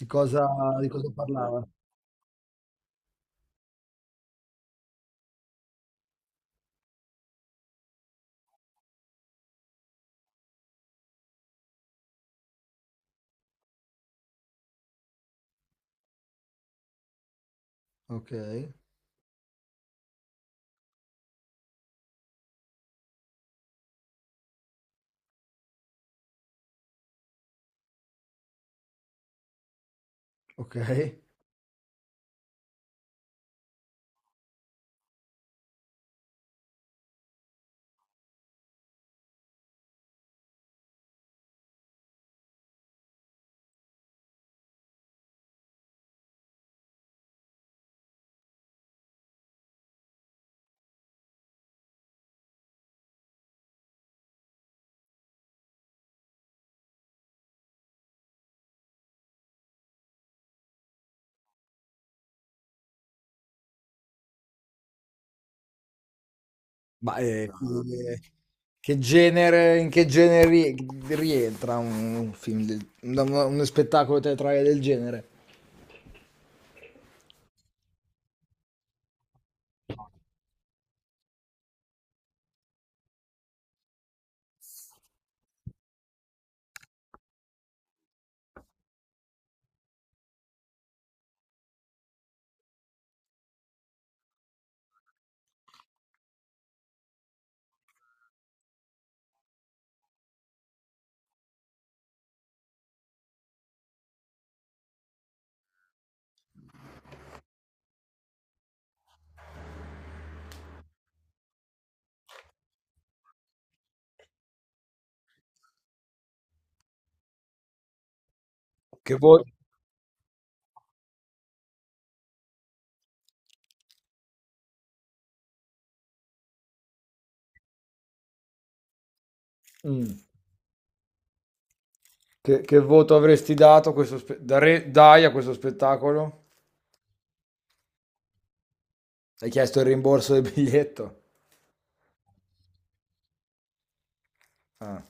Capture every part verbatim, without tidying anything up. Di cosa di cosa parlava? Okay, okay. Ma, ehm, che che genere, in che genere rie rientra un un film del da una uno spettacolo teatrale del genere? Che vo mh, che che voto avresti dato a questo spe dare dai a questo spettacolo? Hai chiesto il rimborso del biglietto? Ah.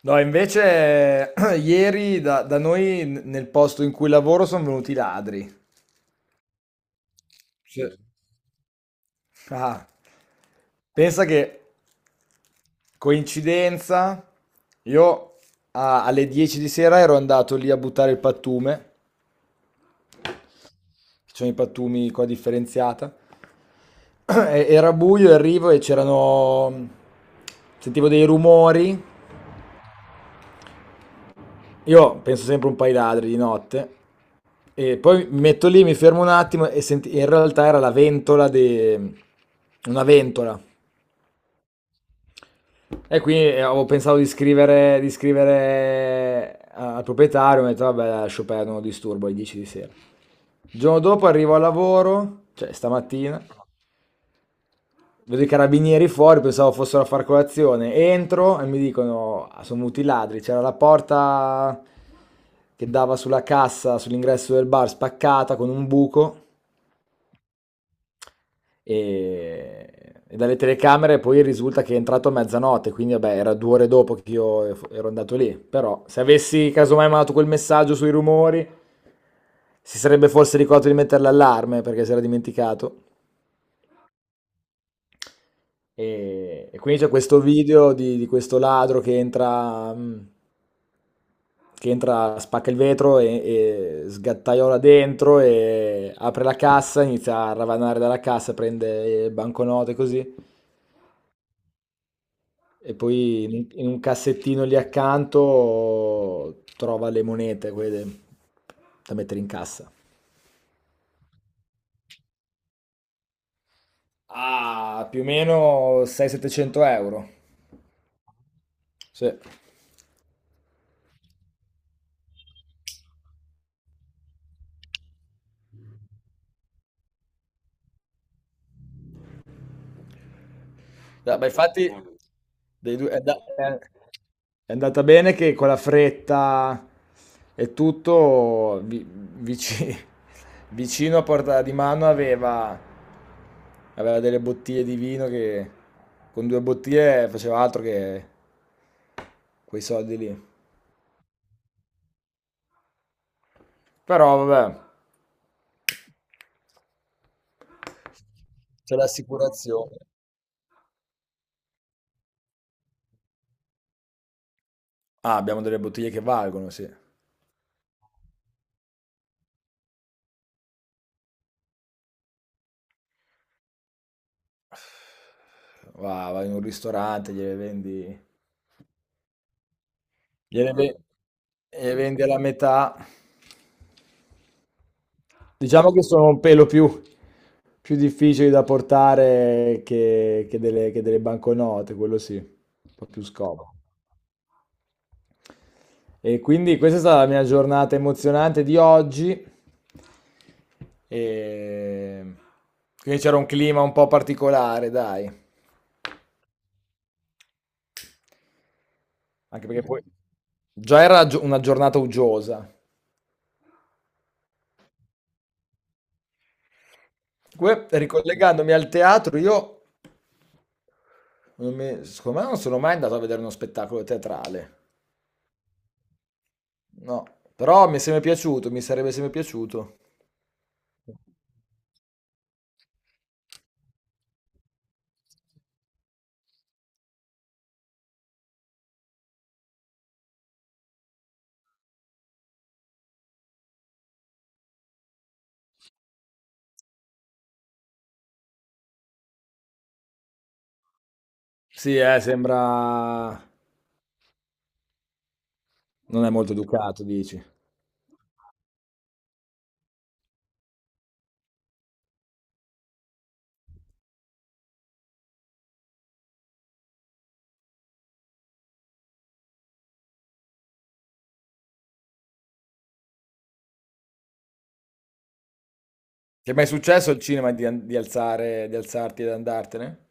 No, invece ieri da da noi n nel posto in cui lavoro son venuti i ladri. Sì. Ah. Pensa che coincidenza, io a- alle dieci di sera ero andato lì a buttare il pattume. Ci sono i pattumi, qua differenziata. E- era buio e arrivo e c'erano, sentivo dei rumori. Io penso sempre un paio di ladri di notte, e poi mi metto lì, mi fermo un attimo e senti- in realtà era la ventola di una ventola. E quindi eh, avevo pensato di scrivere, di scrivere a- al proprietario. Mi ho detto vabbè, lascio perdere, non lo disturbo alle dieci di sera. Il giorno dopo arrivo al lavoro, cioè stamattina, vedo i carabinieri fuori, pensavo fossero a far colazione. Entro e mi dicono, "Ah, sono venuti i ladri, c'era la porta che dava sulla cassa, sull'ingresso del bar, spaccata con un buco, e, e dalle telecamere poi risulta che è entrato a mezzanotte". Quindi vabbè, era due ore dopo che io ero andato lì. Però se avessi casomai mandato quel messaggio sui rumori, si sarebbe forse ricordato di mettere l'allarme, perché si era dimenticato. E, e quindi c'è questo video di, di questo ladro che entra, mh, che entra, spacca il vetro e, e sgattaiola dentro e apre la cassa, inizia a ravanare dalla cassa, prende eh, banconote così. E poi in un, in un cassettino lì accanto trova le monete, quelle da mettere in cassa. Ah, più o meno seicento-settecento euro. Sì. Da- ma infatti, dei due, è, da- è- è andata bene che con la fretta e tutto, vi- vici- vicino, a portata di mano aveva, aveva delle bottiglie di vino che con due bottiglie faceva altro che quei soldi lì. Però vabbè, c'è l'assicurazione. Ah, abbiamo delle bottiglie che valgono, sì. Va Vai in un ristorante, gliele vendi gliele ve gliele vendi alla metà. Diciamo che sono un pelo più più difficili da portare che che delle che delle banconote. Quello sì, un po' più scomodo. E quindi questa è stata la mia giornata emozionante di oggi. Ehm, quindi c'era un clima un po' particolare, dai. Anche perché poi già era gio una giornata uggiosa. Comunque, ricollegandomi al teatro, io non mi- secondo me non sono mai andato a vedere uno spettacolo teatrale. No, però mi è sempre piaciuto, mi sarebbe sempre piaciuto. Sì, eh, sembra, non è molto educato, dici. Ti è mai successo al cinema di, an- di alzare, di alzarti ed andartene?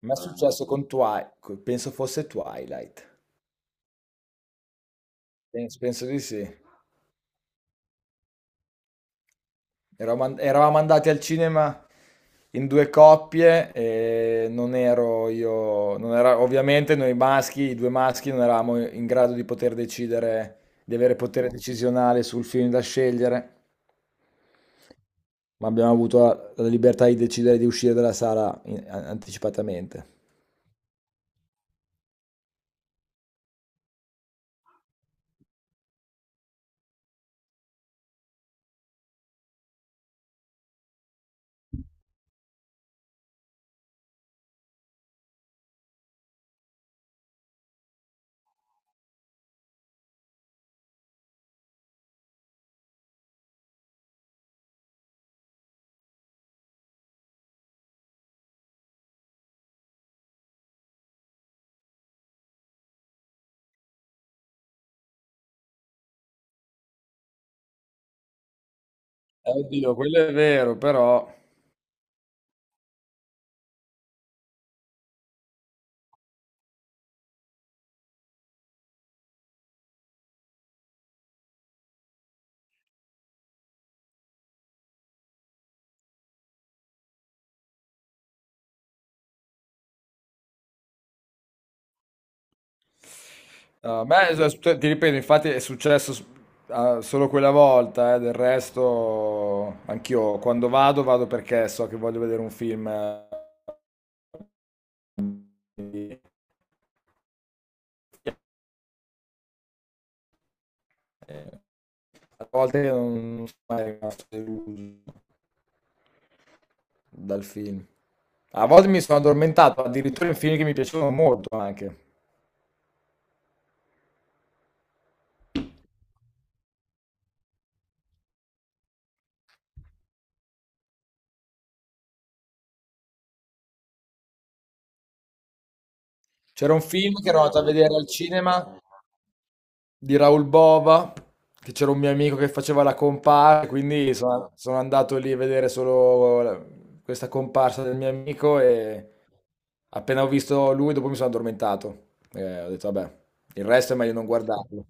Mi è successo con Twilight, penso fosse Twilight. Penso, penso di sì. Eravamo, and- eravamo andati al cinema in due coppie, e non ero io, non era, ovviamente noi maschi, i due maschi non eravamo in grado di poter decidere, di avere potere decisionale sul film da scegliere, ma abbiamo avuto la, la libertà di decidere di uscire dalla sala in- a- anticipatamente. Eh, Oddio, quello è vero, però no. A me, s- s- ti ripeto, infatti è successo, s- ah, solo quella volta. Eh, del resto anch'io quando vado, vado perché so che voglio vedere un film. eh, quindi, eh, A volte non sono mai rimasto deluso dal film. A volte mi sono addormentato, addirittura, in film che mi piacevano molto anche. C'era un film che ero andato a vedere al cinema, di Raoul Bova, che c'era un mio amico che faceva la comparsa, quindi sono sono andato lì a vedere solo la- questa comparsa del mio amico, e appena ho visto lui, dopo mi sono addormentato. E ho detto, vabbè, il resto è meglio non guardarlo.